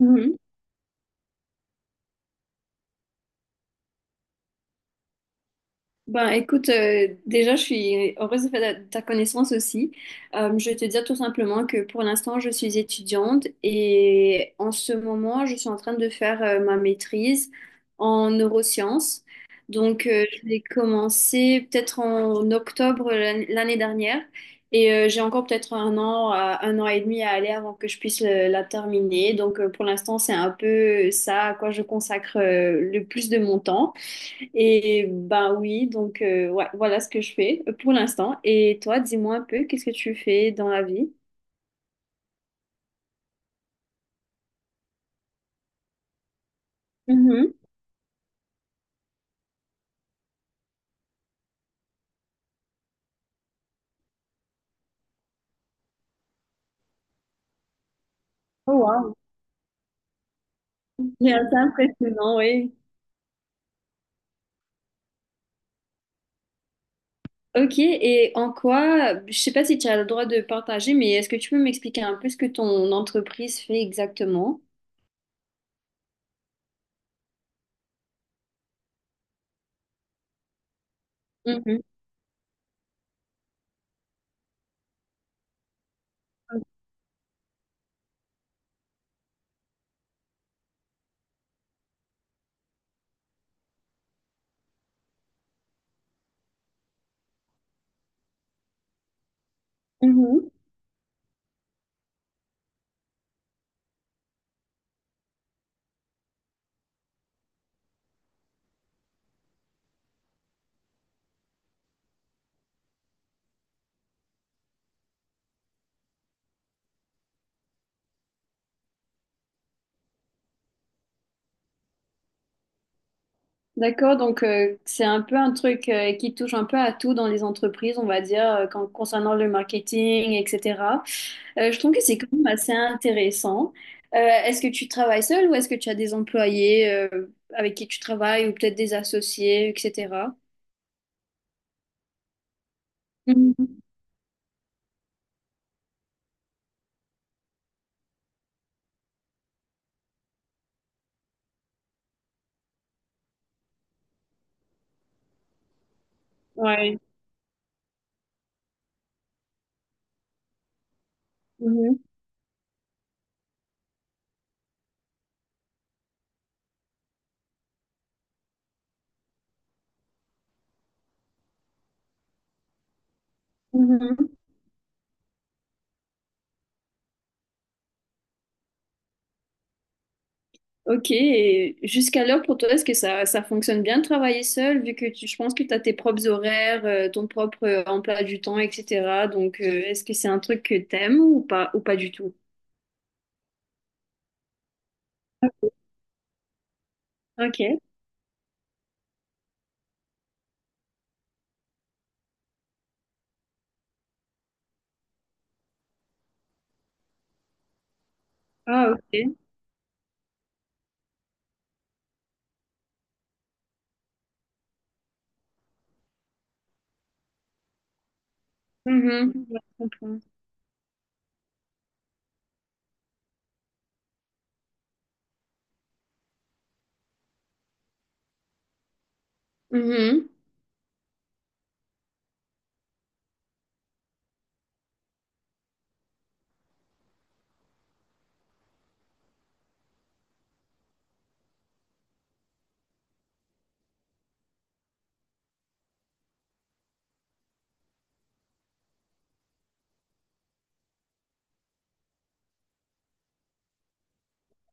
Mhm. Ben écoute, déjà je suis heureuse de faire ta connaissance aussi. Je vais te dire tout simplement que pour l'instant je suis étudiante et en ce moment je suis en train de faire ma maîtrise en neurosciences. Donc je l'ai commencé peut-être en octobre l'année dernière et j'ai encore peut-être un an, un an et demi à aller avant que je puisse la terminer. Donc pour l'instant c'est un peu ça à quoi je consacre le plus de mon temps. Et ben oui, voilà ce que je fais pour l'instant. Et toi, dis-moi un peu, qu'est-ce que tu fais dans la vie? Mhm. Oh wow, c'est assez impressionnant, oui. Ok, et en quoi, je sais pas si tu as le droit de partager, mais est-ce que tu peux m'expliquer un peu ce que ton entreprise fait exactement? Mhm. Mhm. D'accord, donc c'est un peu un truc qui touche un peu à tout dans les entreprises, on va dire, concernant le marketing, etc. Je trouve que c'est quand même assez intéressant. Est-ce que tu travailles seul ou est-ce que tu as des employés avec qui tu travailles ou peut-être des associés, etc. Mhm. Ouais. Mhm. Mhm. Ok, et jusqu'alors pour toi, est-ce que ça fonctionne bien de travailler seul, vu que tu, je pense que tu as tes propres horaires, ton propre emploi du temps, etc. Donc, est-ce que c'est un truc que t'aimes ou pas du tout? Ok. Ah, ok. Mhm. Ouais, je comprends. Mhm.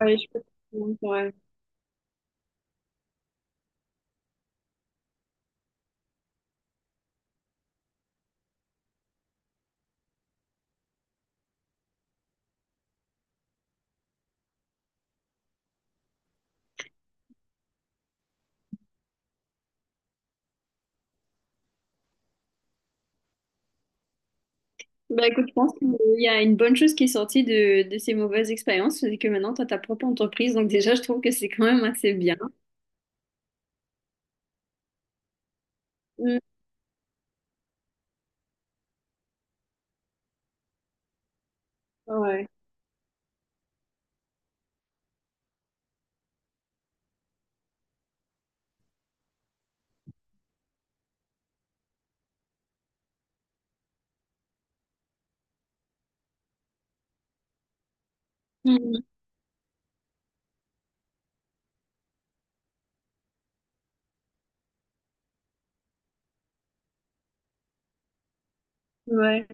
Ouais, je peux comprendre, ouais. Bah écoute, je pense qu'il y a une bonne chose qui est sortie de ces mauvaises expériences, c'est que maintenant tu as ta propre entreprise, donc déjà je trouve que c'est quand même assez bien. Mhm. Ouais. Mhm. Ouais.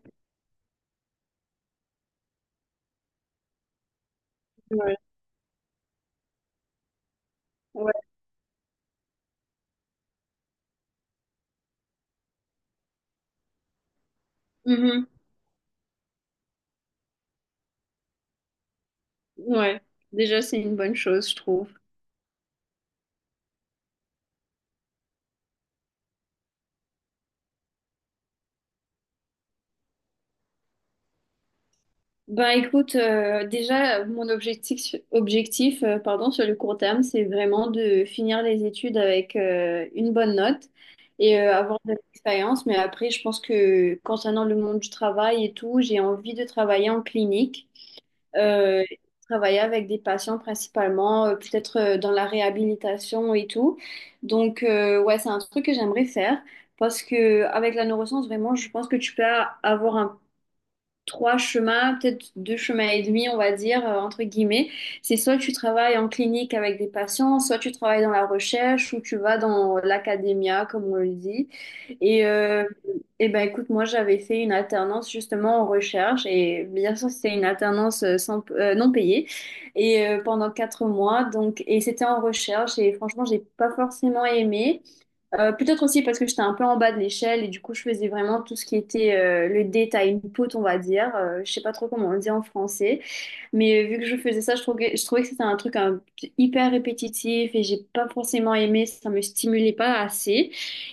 Ouais. Ouais. Mhm. Ouais, déjà c'est une bonne chose, je trouve. Ben écoute, déjà mon objectif, sur le court terme, c'est vraiment de finir les études avec une bonne note et avoir de l'expérience. Mais après, je pense que concernant le monde du travail et tout, j'ai envie de travailler en clinique. Euh, Travailler avec des patients principalement, peut-être dans la réhabilitation et tout. Donc, ouais, c'est un truc que j'aimerais faire parce que avec la neuroscience, vraiment, je pense que tu peux avoir un trois chemins, peut-être deux chemins et demi, on va dire, entre guillemets. C'est soit tu travailles en clinique avec des patients, soit tu travailles dans la recherche ou tu vas dans l'académia, comme on le dit. Et, euh, eh ben, écoute, moi, j'avais fait une alternance justement en recherche et bien sûr, c'était une alternance sans, non payée et pendant quatre mois. Donc, et c'était en recherche et franchement, j'ai pas forcément aimé. Peut-être aussi parce que j'étais un peu en bas de l'échelle et du coup je faisais vraiment tout ce qui était le détail une pote on va dire. Je sais pas trop comment on le dit en français. Mais vu que je faisais ça, je trouvais que c'était hyper répétitif et j'ai pas forcément aimé, ça me stimulait pas assez.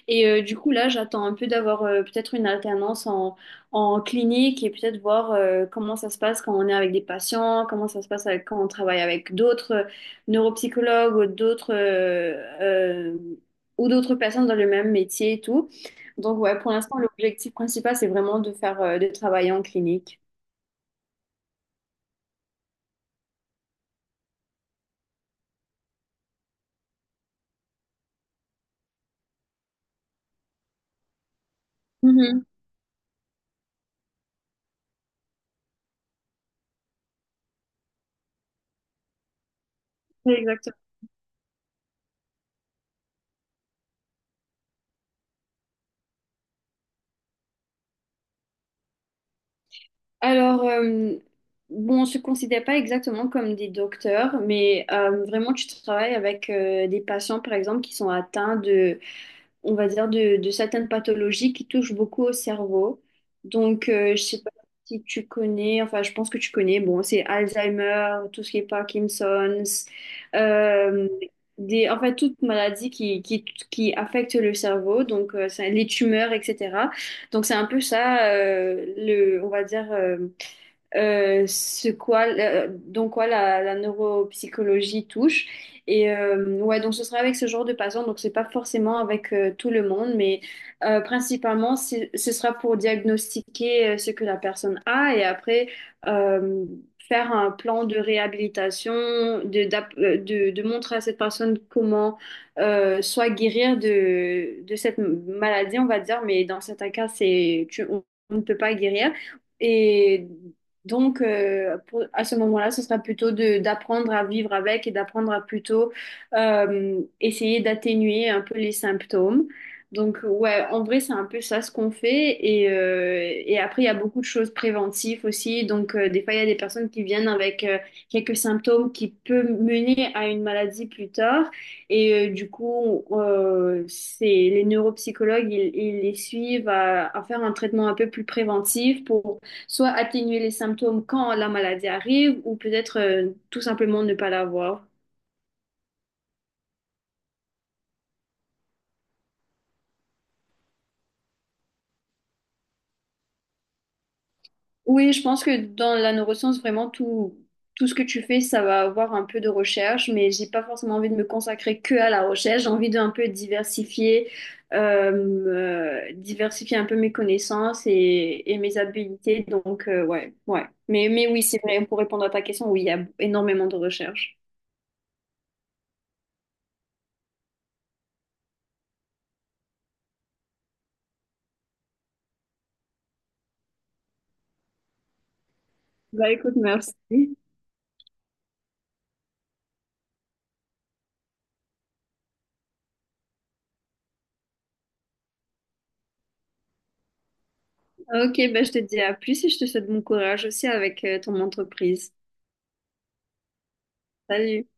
Et du coup, là, j'attends un peu d'avoir peut-être une alternance en clinique et peut-être voir comment ça se passe quand on est avec des patients, comment ça se passe quand on travaille avec d'autres neuropsychologues euh, ou d'autres personnes dans le même métier et tout. Donc, ouais, pour l'instant, l'objectif principal, c'est vraiment de faire, de travailler en clinique. Mhm. Exactement. Alors, bon, on se considère pas exactement comme des docteurs, mais vraiment, tu travailles avec des patients, par exemple, qui sont atteints de, on va dire, de certaines pathologies qui touchent beaucoup au cerveau. Donc, je sais pas si tu connais, enfin, je pense que tu connais, bon, c'est Alzheimer, tout ce qui est Parkinson's, euh, en fait, toute maladie qui affecte le cerveau, donc les tumeurs, etc. Donc, c'est un peu ça, on va dire, dans quoi la neuropsychologie touche. Et ouais, donc ce sera avec ce genre de patients, donc c'est pas forcément avec tout le monde, mais principalement ce sera pour diagnostiquer ce que la personne a et après euh, faire un plan de réhabilitation, de montrer à cette personne comment soit guérir de cette maladie, on va dire, mais dans certains cas, on ne peut pas guérir. Et donc, à ce moment-là, ce sera plutôt d'apprendre à vivre avec et d'apprendre à plutôt essayer d'atténuer un peu les symptômes. Donc, ouais, en vrai, c'est un peu ça ce qu'on fait. Et après, il y a beaucoup de choses préventives aussi. Donc, des fois, il y a des personnes qui viennent avec quelques symptômes qui peuvent mener à une maladie plus tard. Et du coup, c'est les neuropsychologues, ils les suivent à faire un traitement un peu plus préventif pour soit atténuer les symptômes quand la maladie arrive, ou peut-être tout simplement ne pas l'avoir. Oui, je pense que dans la neuroscience, vraiment, tout ce que tu fais, ça va avoir un peu de recherche, mais j'ai pas forcément envie de me consacrer que à la recherche. J'ai envie d'un peu diversifier, euh, diversifier un peu mes connaissances et mes habilités. Donc, ouais, ouais. Mais oui, c'est vrai, pour répondre à ta question, oui, il y a énormément de recherche. Bah écoute, merci. Ok, ben je te dis à plus et je te souhaite bon courage aussi avec ton entreprise. Salut.